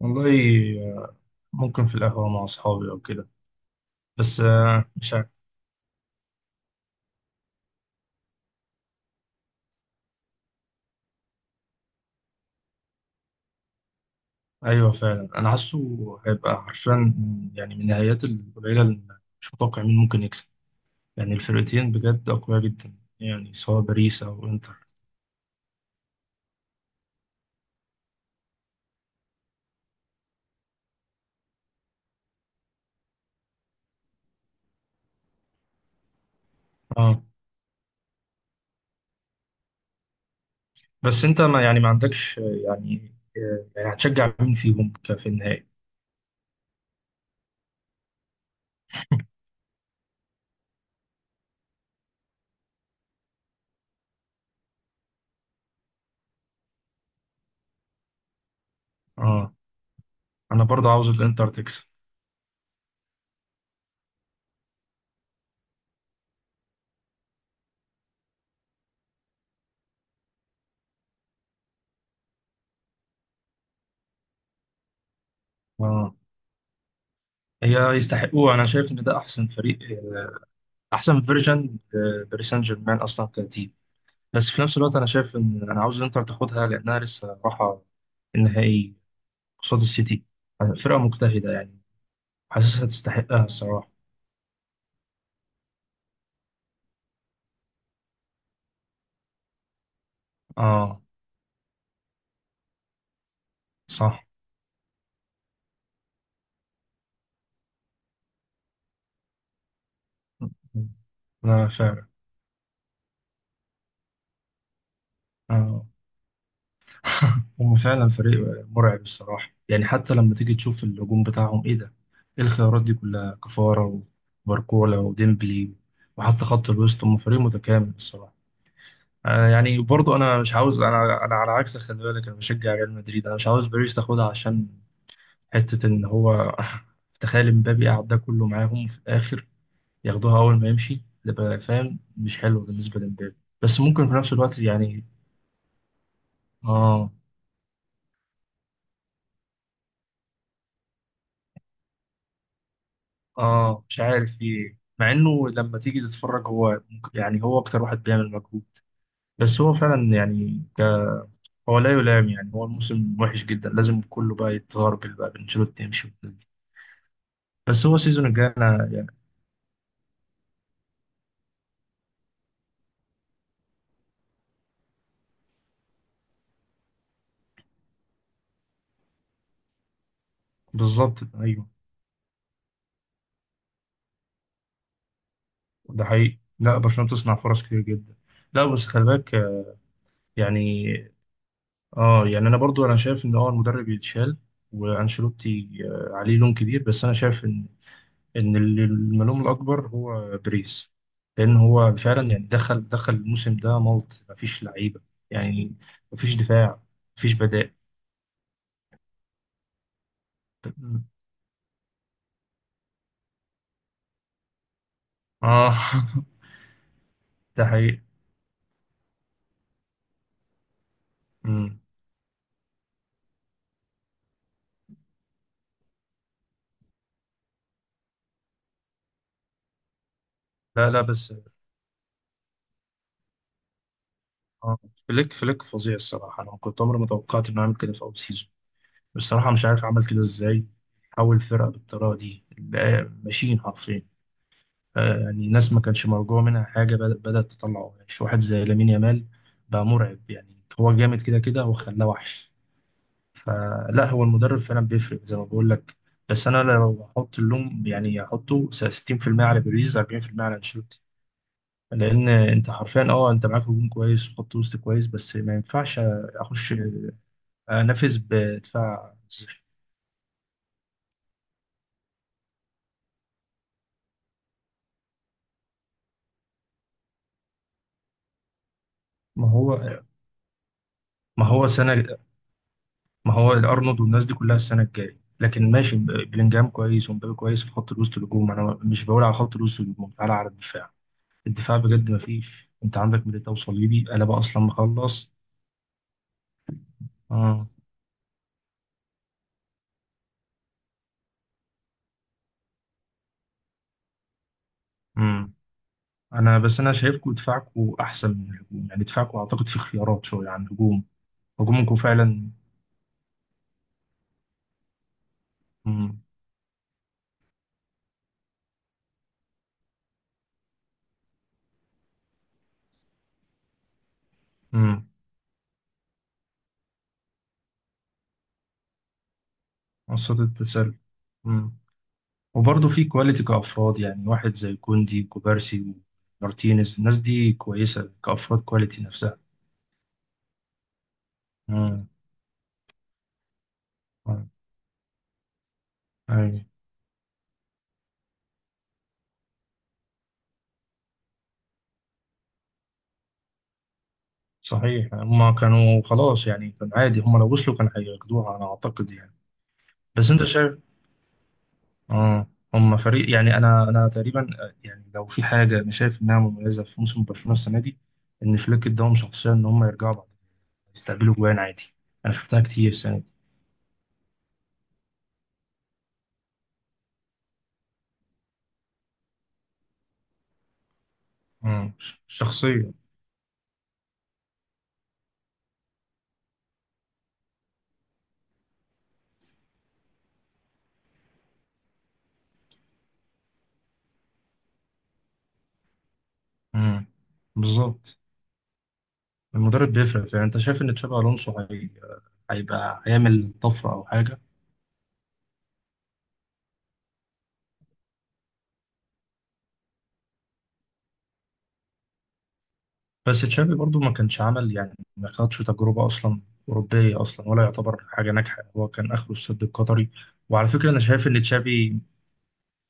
والله، آه، ممكن في القهوة مع أصحابي أو كده. بس مش عارف. أيوة فعلا، أنا حاسه هيبقى حرفيا. يعني من النهايات القليلة اللي مش متوقع مين ممكن يكسب. يعني الفرقتين بجد أقوياء جدا، يعني سواء باريس أو إنتر. أه، بس أنت ما يعني ما عندكش، يعني هتشجع مين فيهم في النهائي؟ أه، أنا برضه عاوز الإنتر تكسب. أه، هي يستحقوه. أنا شايف إن ده أحسن فريق، أحسن فيرجن. باريس سان جيرمان أصلا كتير. بس في نفس الوقت انا شايف ان انا عاوز الانتر تاخدها لانها لسه رايحه النهائي قصاد السيتي. فرقه مجتهده يعني. حاسسها تستحقها الصراحه. اه. صح. لا فعلا. اه. هم فعلا فريق مرعب الصراحه. يعني حتى لما تيجي تشوف الهجوم بتاعهم، ايه ده؟ ايه الخيارات دي كلها؟ كفاره وباركولا وديمبلي، وحتى خط الوسط، هم فريق متكامل الصراحه. آه يعني برضو انا مش عاوز. انا على عكسك، خلي بالك انا بشجع ريال مدريد. انا مش عاوز باريس تاخدها عشان حتة إن هو تخيل إمبابي قعد ده كله معاهم في الآخر ياخدوها أول ما يمشي. ده بقى فاهم مش حلو بالنسبة لإمبابي. بس ممكن في نفس الوقت يعني. آه. آه، مش عارف في إيه، مع إنه لما تيجي تتفرج هو يعني هو أكتر واحد بيعمل مجهود. بس هو فعلا يعني هو لا يلام. يعني هو الموسم وحش جدا، لازم كله بقى يتغربل بقى، بانشيلوتي يمشي والناس دي. بس هو السيزون الجاي أنا يعني. بالظبط أيوه، ده حقيقي. لا، برشلونة تصنع فرص كتير جدا. لا بس خلي بالك يعني. اه، يعني انا برضو انا شايف ان هو المدرب يتشال. وانشيلوتي عليه لون كبير، بس انا شايف ان اللي الملوم الاكبر هو بريس. لان هو فعلا يعني دخل الموسم ده ملط، مفيش لعيبه يعني. مفيش دفاع، مفيش بدائل. مم. اه. ده حقيقي. مم. لا لا بس. اه. فليك فظيع الصراحه. انا كنت عمري ما توقعت انه يعمل كده في اول سيزون. بصراحه مش عارف عمل كده ازاي، حول الفرقه بالطريقه دي بقى ماشيين حرفيا. يعني ناس ما كانش مرجوع منها حاجة بدأت تطلع. وحش واحد زي لامين يامال بقى مرعب يعني، هو جامد كده كده، هو خلاه وحش. فلا، هو المدرب فعلا بيفرق زي ما بقول لك. بس أنا لو أحط اللوم يعني أحطه 60% على بيريز 40% على أنشيلوتي. لأن أنت حرفيا، أه أنت معاك هجوم كويس وخط وسط كويس بس ما ينفعش أخش أنافس بدفاع صفر. ما هو ما هو سنة. ما هو الارنولد والناس دي كلها السنه الجايه، لكن ماشي، بلينجهام كويس ومبابي كويس في خط الوسط. الهجوم انا مش بقول على خط الوسط، الهجوم تعالى على الدفاع. الدفاع بجد ما فيش، انت عندك ميليتاو وصليبي، انا بقى اصلا مخلص. اه. امم. انا بس انا شايفكم دفاعكم احسن من الهجوم، يعني دفاعكم اعتقد فيه خيارات شويه عن الهجوم. هجومكم فعلا. امم. امم. قصة التسلل. امم. وبرضه في كواليتي كافراد، يعني واحد زي كوندي وكوبارسي ومارتينيز، الناس دي كويسه كافراد، كواليتي نفسها. مم. مم. أي. صحيح، هم كانوا خلاص يعني كان عادي، هم لو وصلوا كانوا هياخدوها أنا أعتقد يعني. بس أنت شايف. آه، هم فريق يعني، أنا تقريبا، يعني لو في حاجة أنا شايف إنها مميزة في موسم برشلونة السنة دي، إن فليك إداهم شخصية إن هم يرجعوا بعد يستقبلوا جوان عادي. أنا شفتها كتير السنة دي. مم. شخصية. مم. بالظبط. المدرب بيفرق، يعني أنت شايف إن تشابي ألونسو هيبقى هيعمل طفرة أو حاجة؟ بس تشافي برضو ما كانش عمل يعني ما خدش تجربة أصلا أوروبية أصلا، ولا يعتبر حاجة ناجحة، هو كان آخره السد القطري. وعلى فكرة أنا شايف إن تشافي،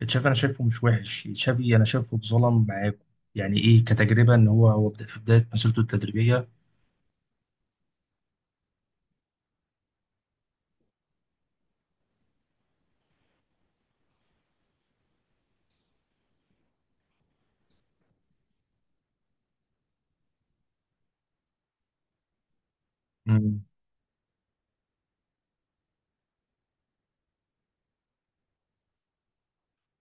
تشافي أنا شايفه مش وحش، تشافي أنا شايفه اتظلم معاكم. يعني إيه كتجربة، إن هو في بداية مسيرته التدريبية. مم.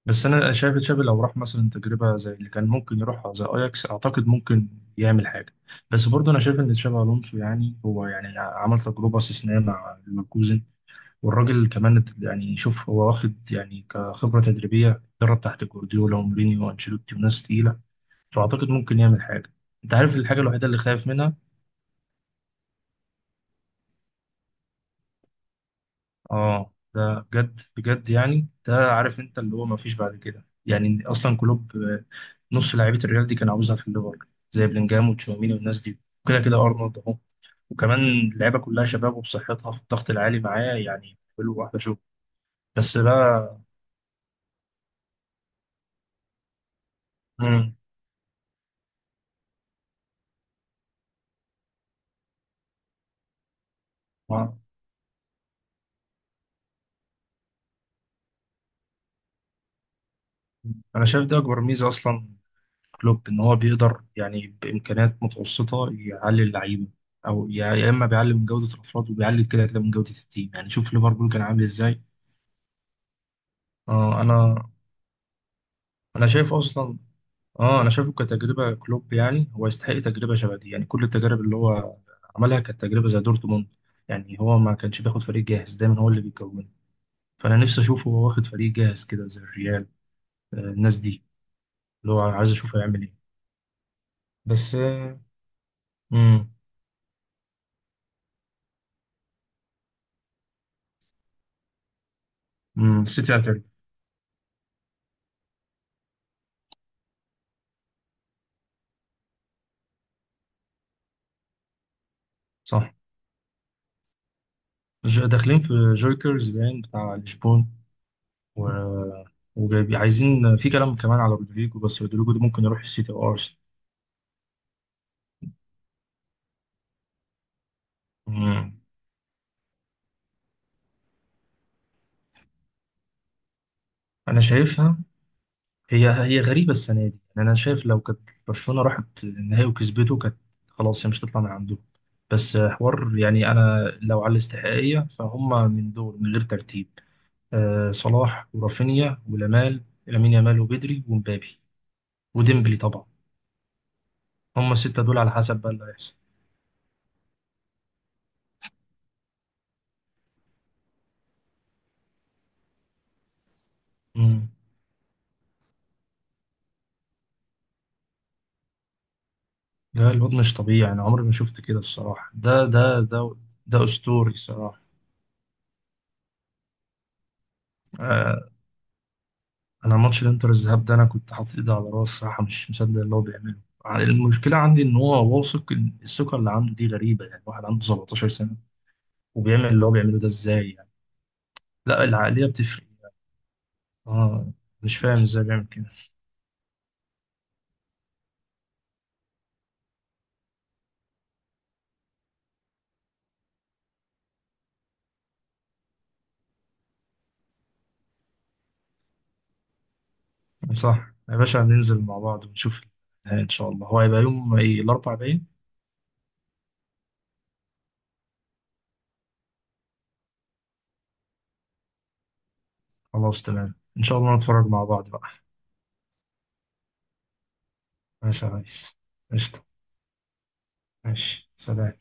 بس أنا شايف تشافي لو راح مثلا تجربة زي اللي كان ممكن يروحها زي أياكس، أعتقد ممكن يعمل حاجة. بس برضو أنا شايف إن تشافي ألونسو يعني هو يعني عمل تجربة استثنائية مع ليفركوزن. والراجل كمان يعني، شوف هو واخد يعني كخبرة تدريبية درب تحت جوارديولا ومورينيو وانشيلوتي وناس تقيلة. فأعتقد ممكن يعمل حاجة. أنت عارف الحاجة الوحيدة اللي خايف منها؟ آه ده بجد بجد يعني، ده عارف أنت اللي هو مفيش بعد كده. يعني إن أصلا كلوب، نص لعيبة الريال دي كان عاوزها في الليفر، زي بلينجهام وتشاوميني والناس دي، وكده كده أرنولد أهو، وكمان اللعيبة كلها شباب وبصحتها في الضغط العالي معاه يعني بيعملوا واحدة شغل. بس بقى. مم. آه. أنا شايف ده أكبر ميزة أصلا كلوب، ان هو بيقدر يعني بامكانيات متوسطه يعلي اللعيبه، او يا اما بيعلي من جوده الافراد وبيعلي كده كده من جوده التيم. يعني شوف ليفربول كان عامل ازاي. اه انا، انا شايف اصلا اه انا شايفه كتجربه كلوب، يعني هو يستحق تجربه شبه دي. يعني كل التجارب اللي هو عملها كانت تجربه زي دورتموند. يعني هو ما كانش بياخد فريق جاهز، دايما هو اللي بيكونه. فانا نفسي اشوفه هو واخد فريق جاهز كده زي الريال، الناس دي، اللي هو عايز اشوفه يعمل ايه. بس. امم. السيتي هتعمل. صح. داخلين في جوكرز باين بتاع لشبون، و... وجايب عايزين في كلام كمان على رودريجو، بس رودريجو ده ممكن يروح السيتي او ارسنال. مم. انا شايفها، هي غريبه السنه دي. يعني انا شايف لو كانت برشلونه راحت النهائي وكسبته، كانت خلاص هي مش هتطلع من عندهم. بس حوار يعني، انا لو على الاستحقاقيه، فهم من دول من غير ترتيب، آه، صلاح ورافينيا ولامال لامين يامال وبدري ومبابي وديمبلي طبعا. هم السته دول على حسب بقى اللي هيحصل. لا الواد مش طبيعي، انا عمري ما شفت كده الصراحه، ده اسطوري صراحه. آه. انا ماتش الانتر الذهاب ده انا كنت حاطط ايدي على راسي صراحه، مش مصدق اللي هو بيعمله. المشكله عندي ان هو واثق، إن الثقه اللي عنده دي غريبه. يعني واحد عنده 17 سنه وبيعمل اللي هو بيعمله ده، ازاي يعني؟ لا، العقليه بتفرق. اه، مش فاهم ازاي بيعمل كده. صح يا باشا، هننزل مع بعض ونشوف النهاية ان شاء الله. هو هيبقى يوم ايه، الاربعاء باين؟ خلاص تمام، ان شاء الله نتفرج مع بعض بقى. ماشي يا ريس. قشطه. ماشي، سلام.